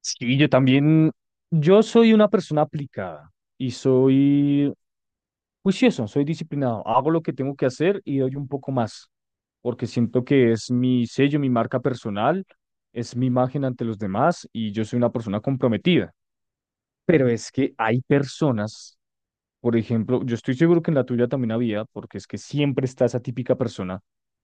Sí, yo también, yo soy una persona aplicada y soy juicioso, soy disciplinado, hago lo que tengo que hacer y doy un poco más, porque siento que es mi sello, mi marca personal, es mi imagen ante los demás y yo soy una persona comprometida. Pero es que hay personas, por ejemplo, yo estoy seguro que en la tuya también había, porque es que siempre está esa típica persona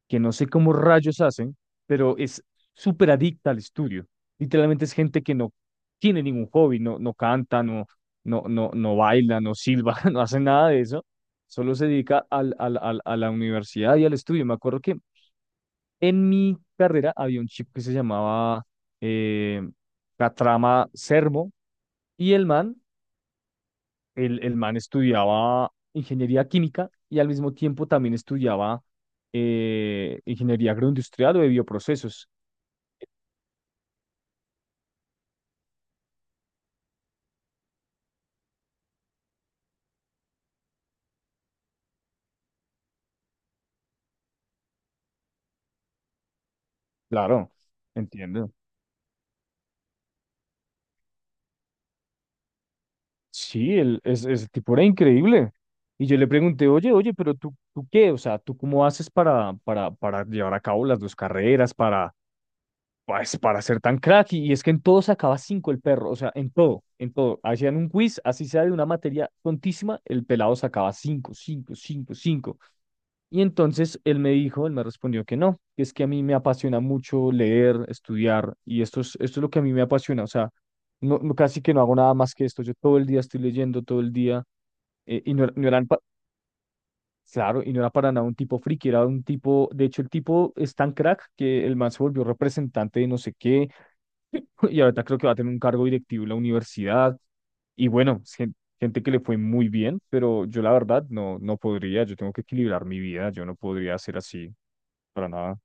que no sé cómo rayos hacen, pero es súper adicta al estudio. Literalmente es gente que no tiene ningún hobby, no, no canta, no, no, no, no baila, no silba, no hace nada de eso. Solo se dedica a la universidad y al estudio. Me acuerdo que en mi carrera había un chico que se llamaba eh, Catrama Sermo, y el man estudiaba ingeniería química y al mismo tiempo también estudiaba ingeniería agroindustrial o de bioprocesos. Claro, entiendo. Sí, ese tipo era increíble. Y yo le pregunté, oye, oye, pero tú, ¿tú qué? O sea, ¿tú cómo haces para llevar a cabo las dos carreras, pues, para ser tan crack? Y es que en todo sacaba cinco el perro, o sea, en todo, en todo. Hacían un quiz, así sea de una materia tontísima, el pelado sacaba cinco, cinco, cinco, cinco. Y entonces él me dijo, él me respondió que no, que es que a mí me apasiona mucho leer, estudiar, y esto es lo que a mí me apasiona, o sea, casi que no hago nada más que esto, yo todo el día estoy leyendo, todo el día, y no eran pa- Claro, y no era para nada un tipo friki, era un tipo, de hecho el tipo es tan crack que el man se volvió representante de no sé qué, y ahorita creo que va a tener un cargo directivo en la universidad, y bueno, gente que le fue muy bien, pero yo la verdad no, no podría, yo tengo que equilibrar mi vida, yo no podría ser así, para nada.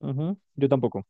Ujú, yo tampoco.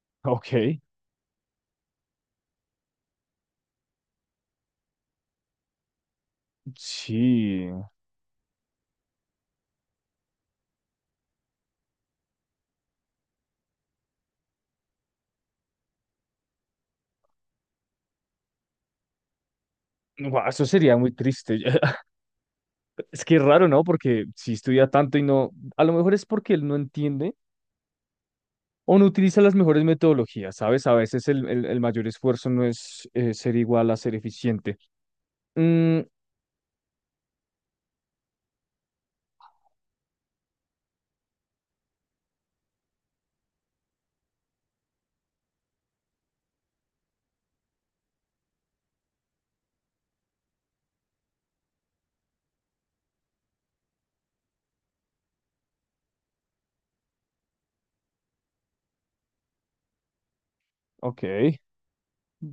Ok, sí. Guau, eso sería muy triste. Es que es raro, ¿no? Porque si estudia tanto y no, a lo mejor es porque él no entiende. O no utiliza las mejores metodologías, ¿sabes? A veces el mayor esfuerzo no es, ser igual a ser eficiente. Mm, ok.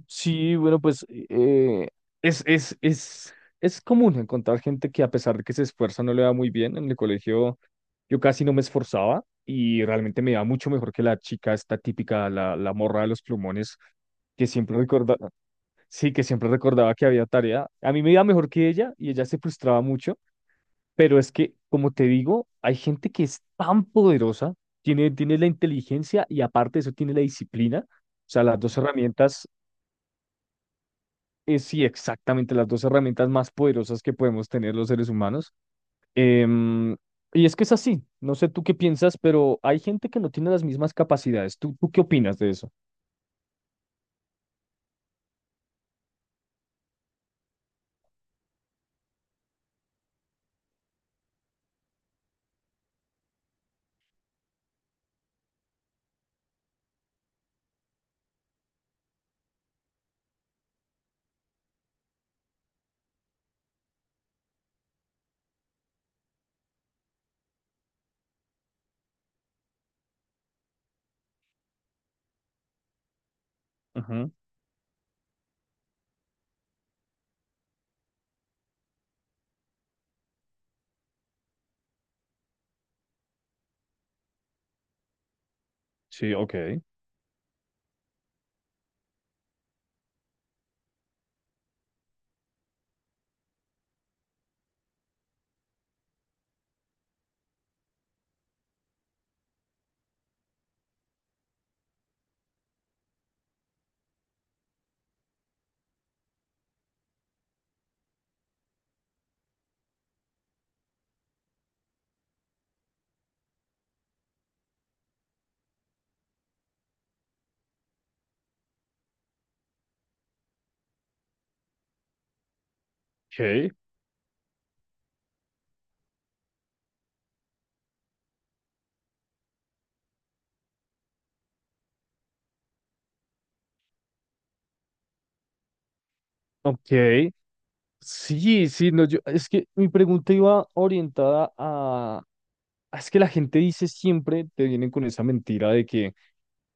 Sí, bueno, pues es, es, es, es común encontrar gente que a pesar de que se esfuerza no le va muy bien. En el colegio yo casi no me esforzaba y realmente me iba mucho mejor que la chica esta típica, la morra de los plumones, que siempre recordaba, sí, que siempre recordaba que había tarea. A mí me iba mejor que ella y ella se frustraba mucho. Pero es que, como te digo, hay gente que es tan poderosa, tiene la inteligencia y aparte de eso tiene la disciplina. O sea, las dos herramientas, es sí, exactamente, las dos herramientas más poderosas que podemos tener los seres humanos. Em, y es que es así, no sé tú qué piensas, pero hay gente que no tiene las mismas capacidades. ¿Tú qué opinas de eso? Ujú, sí, ok. Ok. Ok. Sí, sí, no, yo, es que mi pregunta iba orientada. Ah, es que la gente dice siempre, te vienen con esa mentira de que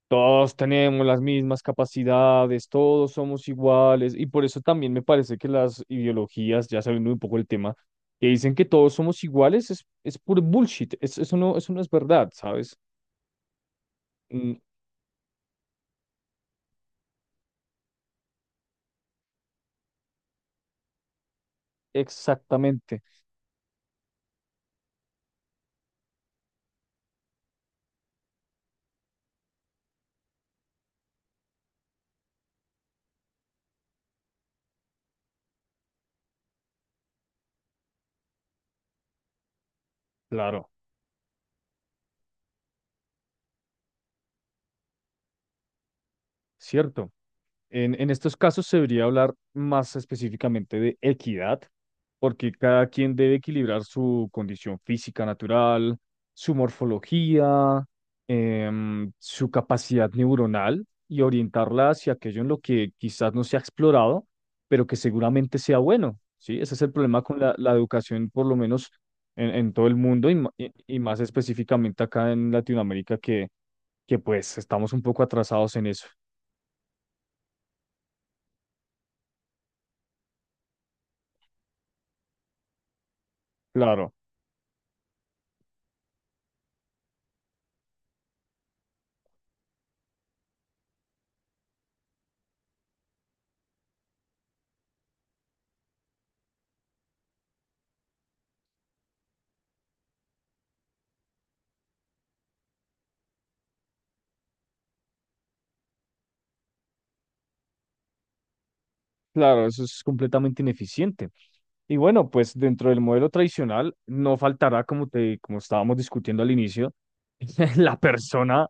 todos tenemos las mismas capacidades, todos somos iguales, y por eso también me parece que las ideologías, ya saliendo un poco el tema, que dicen que todos somos iguales, es puro bullshit, eso no es verdad, ¿sabes? Mm, exactamente, claro, cierto. En estos casos se debería hablar más específicamente de equidad, porque cada quien debe equilibrar su condición física natural, su morfología, su capacidad neuronal y orientarla hacia aquello en lo que quizás no se ha explorado, pero que seguramente sea bueno, ¿sí? Ese es el problema con la educación, por lo menos en todo el mundo y, y más específicamente acá en Latinoamérica, que, pues estamos un poco atrasados en eso. Claro. Claro, eso es completamente ineficiente. Y bueno, pues dentro del modelo tradicional no faltará, como te, como estábamos discutiendo al inicio, la persona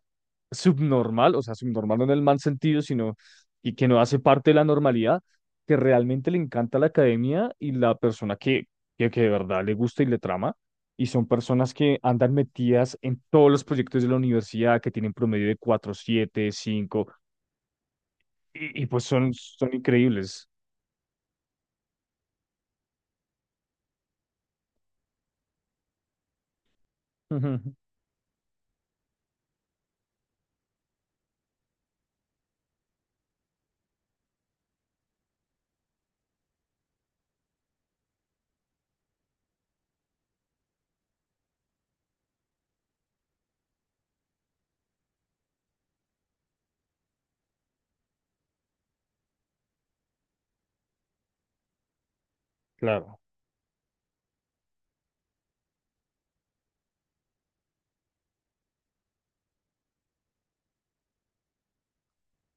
subnormal, o sea, subnormal no en el mal sentido, sino y que no hace parte de la normalidad, que realmente le encanta la academia y la persona que, que de verdad le gusta y le trama. Y son personas que andan metidas en todos los proyectos de la universidad, que tienen promedio de 4,75 y, pues son, increíbles. Ujú, claro.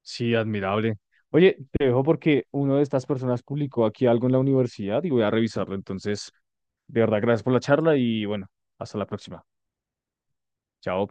Sí, admirable. Oye, te dejo porque una de estas personas publicó aquí algo en la universidad y voy a revisarlo. Entonces, de verdad, gracias por la charla y bueno, hasta la próxima. Chao.